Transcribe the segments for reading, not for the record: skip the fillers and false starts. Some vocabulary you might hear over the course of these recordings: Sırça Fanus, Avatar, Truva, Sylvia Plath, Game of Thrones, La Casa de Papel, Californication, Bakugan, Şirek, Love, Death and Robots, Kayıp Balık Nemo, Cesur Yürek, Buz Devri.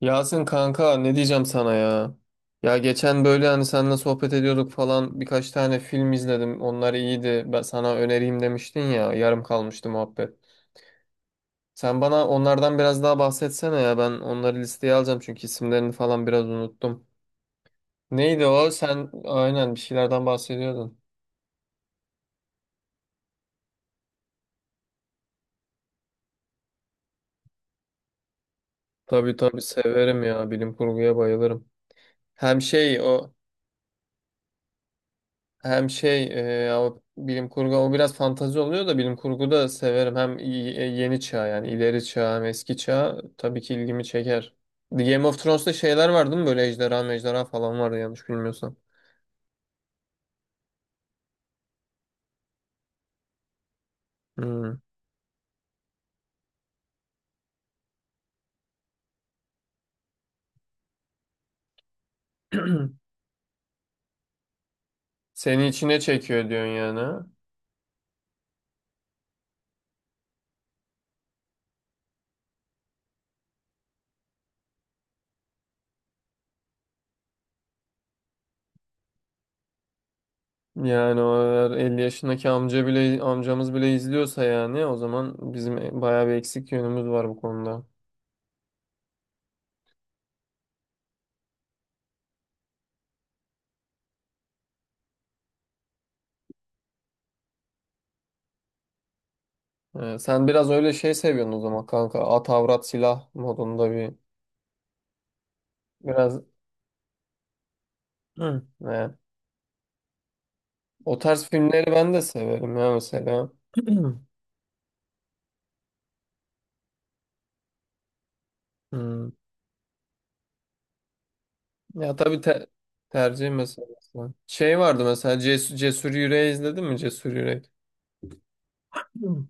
Yasin kanka, ne diyeceğim sana ya? Ya geçen böyle hani seninle sohbet ediyorduk falan, birkaç tane film izledim. Onlar iyiydi. Ben sana önereyim demiştin ya. Yarım kalmıştı muhabbet. Sen bana onlardan biraz daha bahsetsene ya. Ben onları listeye alacağım çünkü isimlerini falan biraz unuttum. Neydi o? Sen aynen bir şeylerden bahsediyordun. Tabii tabii, severim ya. Bilim kurguya bayılırım. Hem şey o Hem şey e, ama bilim kurgu o biraz fantazi oluyor da, bilim kurgu da severim. Hem yeni çağ, yani ileri çağ, hem eski çağ tabii ki ilgimi çeker. The Game of Thrones'ta şeyler vardı mı böyle, ejderha mejderha falan vardı yanlış bilmiyorsam. Hmm. Seni içine çekiyor diyorsun yani, ha? Yani o eğer 50 yaşındaki amca bile, amcamız bile izliyorsa, yani o zaman bizim bayağı bir eksik yönümüz var bu konuda. Sen biraz öyle şey seviyorsun o zaman kanka. At avrat silah modunda biraz. Hı. Evet. O tarz filmleri ben de severim ya mesela. Hı. Ya tabii, tercih meselesi. Şey vardı mesela, Cesur, Cesur Yüreği izledin mi, Cesur Yürek? Hı.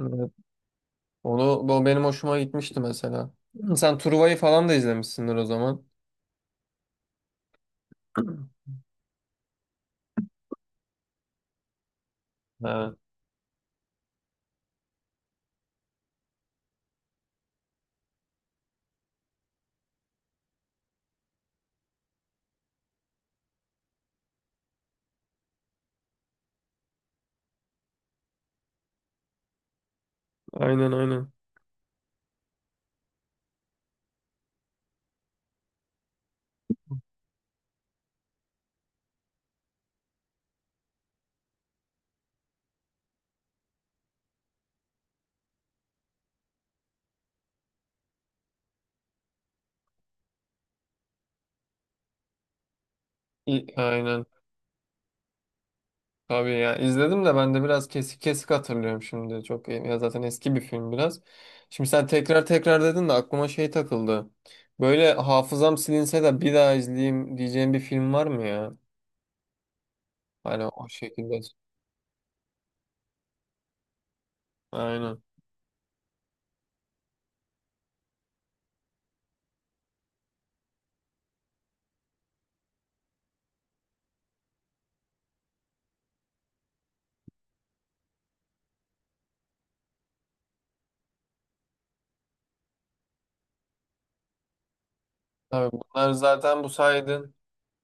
Evet. Onu, o benim hoşuma gitmişti mesela. Sen Truva'yı falan da izlemişsindir o zaman. Evet. Aynen aynen. Aynen. Tabii ya, izledim de ben de biraz kesik kesik hatırlıyorum şimdi. Çok iyi. Ya zaten eski bir film biraz. Şimdi sen tekrar tekrar dedin de aklıma şey takıldı. Böyle hafızam silinse de bir daha izleyeyim diyeceğim bir film var mı ya? Hani o şekilde. Aynen. Tabii bunlar zaten, bu saydığın.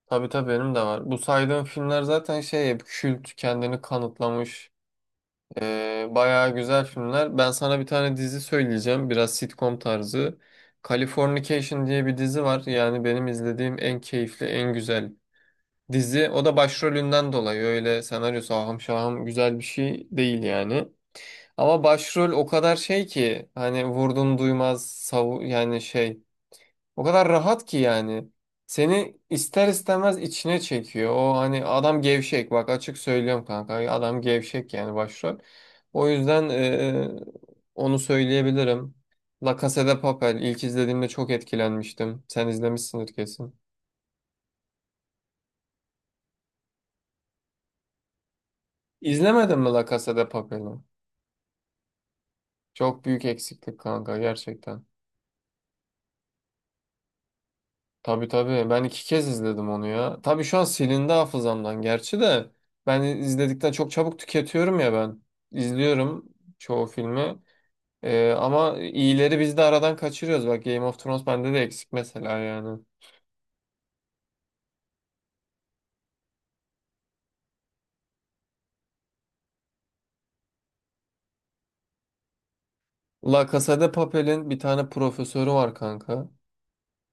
Tabii tabii, benim de var. Bu saydığım filmler zaten şey, hep kült, kendini kanıtlamış. Bayağı güzel filmler. Ben sana bir tane dizi söyleyeceğim. Biraz sitcom tarzı. Californication diye bir dizi var. Yani benim izlediğim en keyifli, en güzel dizi. O da başrolünden dolayı. Öyle senaryosu ahım şahım güzel bir şey değil yani. Ama başrol o kadar şey ki, hani vurdum duymaz savu yani, şey, o kadar rahat ki yani. Seni ister istemez içine çekiyor. O hani, adam gevşek. Bak açık söylüyorum kanka. Adam gevşek yani, başrol. O yüzden onu söyleyebilirim. La Casa de Papel. İlk izlediğimde çok etkilenmiştim. Sen izlemişsindir kesin. İzlemedin mi La Casa de Papel'i? Çok büyük eksiklik kanka, gerçekten. Tabii tabii, ben iki kez izledim onu ya. Tabii şu an silindi hafızamdan gerçi de, ben izledikten çok çabuk tüketiyorum ya ben. İzliyorum çoğu filmi. Ama iyileri biz de aradan kaçırıyoruz. Bak, Game of Thrones bende de eksik mesela yani. La Casa de Papel'in bir tane profesörü var kanka.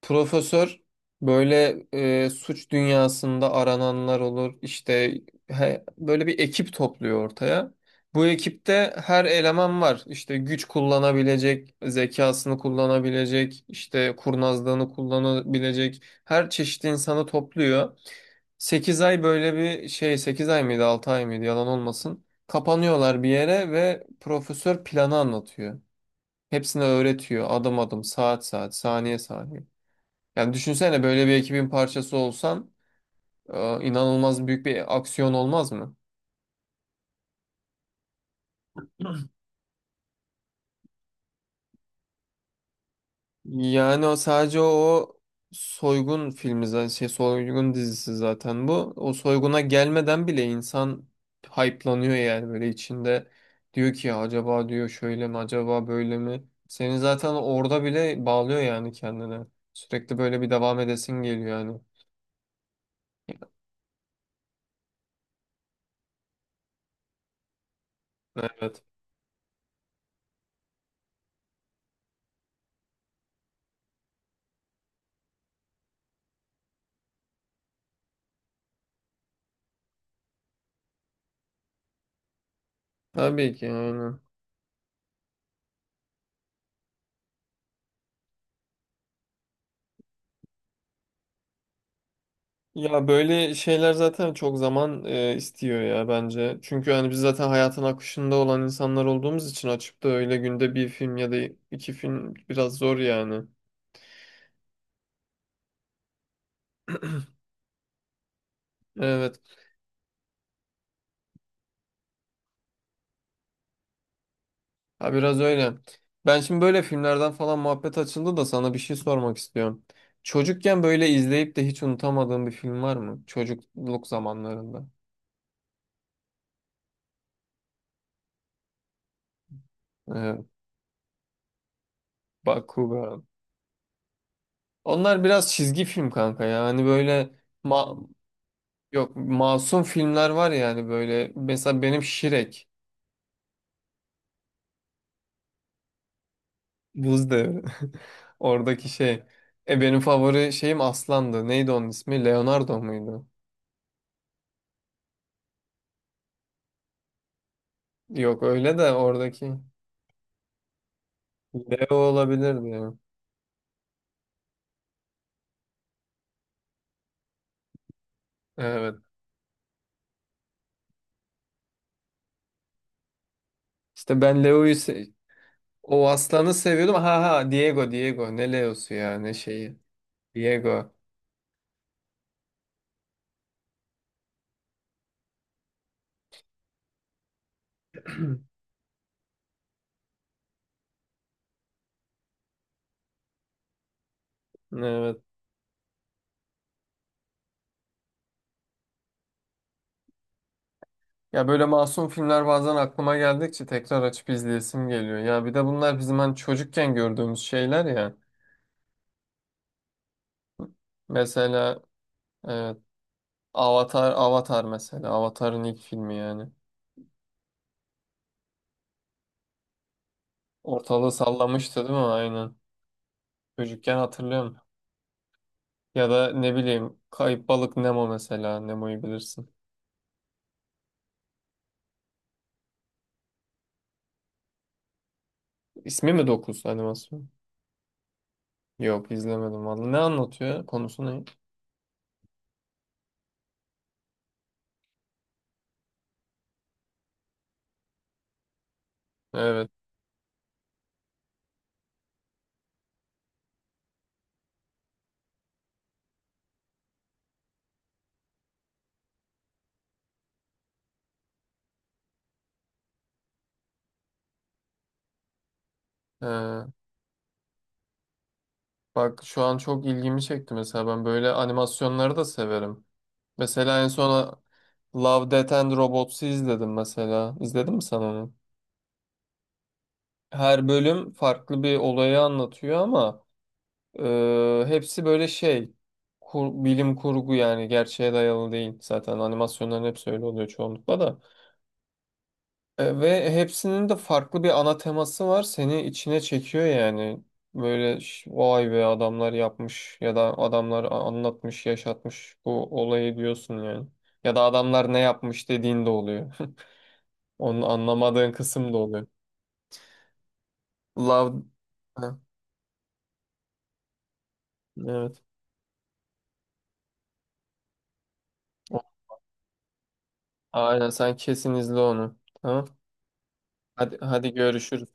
Profesör böyle, suç dünyasında arananlar olur. İşte böyle bir ekip topluyor ortaya. Bu ekipte her eleman var. İşte güç kullanabilecek, zekasını kullanabilecek, işte kurnazlığını kullanabilecek her çeşit insanı topluyor. 8 ay böyle bir şey, 8 ay mıydı 6 ay mıydı, yalan olmasın. Kapanıyorlar bir yere ve profesör planı anlatıyor. Hepsine öğretiyor adım adım, saat saat, saniye saniye. Yani düşünsene, böyle bir ekibin parçası olsan, inanılmaz büyük bir aksiyon olmaz mı? Yani o sadece o soygun dizisi zaten bu. O soyguna gelmeden bile insan hype'lanıyor yani, böyle içinde diyor ki, acaba diyor şöyle mi, acaba böyle mi? Seni zaten orada bile bağlıyor yani kendine. Sürekli böyle bir devam edesin geliyor yani. Yani evet. Tabii ki yani. Ya böyle şeyler zaten çok zaman istiyor ya bence. Çünkü hani biz zaten hayatın akışında olan insanlar olduğumuz için, açıp da öyle günde bir film ya da iki film biraz zor yani. Evet. Ha, biraz öyle. Ben şimdi böyle filmlerden falan muhabbet açıldı da sana bir şey sormak istiyorum. Çocukken böyle izleyip de hiç unutamadığın bir film var mı? Çocukluk zamanlarında. Evet. Bakugan. Onlar biraz çizgi film kanka ya. Hani böyle, Ma- yok, masum filmler var yani, böyle mesela benim Şirek, Buz Devri, oradaki şey, benim favori şeyim Aslan'dı, neydi onun ismi, Leonardo muydu, yok, öyle de oradaki Leo olabilirdi ya. Evet, işte ben Leo'yu se- o Aslan'ı seviyordum, ha ha, Diego, Diego, ne Leo'su ya ne şeyi, Diego, evet. Ya böyle masum filmler bazen aklıma geldikçe tekrar açıp izleyesim geliyor ya, bir de bunlar bizim hani çocukken gördüğümüz şeyler ya. Mesela, evet, Avatar, Avatar mesela. Avatar'ın ilk filmi yani. Ortalığı sallamıştı değil mi? Aynen. Çocukken hatırlıyorum. Ya da ne bileyim, Kayıp Balık Nemo mesela. Nemo'yu bilirsin. İsmi mi 9 animasyon? Yok, izlemedim vallahi. Ne anlatıyor? Konusu ne? Evet. Ee, Bak şu an çok ilgimi çekti mesela. Ben böyle animasyonları da severim. Mesela en son Love, Death and Robots'u izledim mesela. İzledin mi sen onu? Her bölüm farklı bir olayı anlatıyor ama, hepsi böyle şey, bilim kurgu yani, gerçeğe dayalı değil zaten, animasyonların hepsi öyle oluyor çoğunlukla da. E, ve hepsinin de farklı bir ana teması var, seni içine çekiyor yani, böyle vay be, adamlar yapmış, ya da adamlar anlatmış, yaşatmış bu olayı diyorsun yani, ya da adamlar ne yapmış dediğin de oluyor, onu anlamadığın kısım da oluyor. Love Ha, evet, aynen, sen kesin izle onu, tamam, hadi hadi, görüşürüz.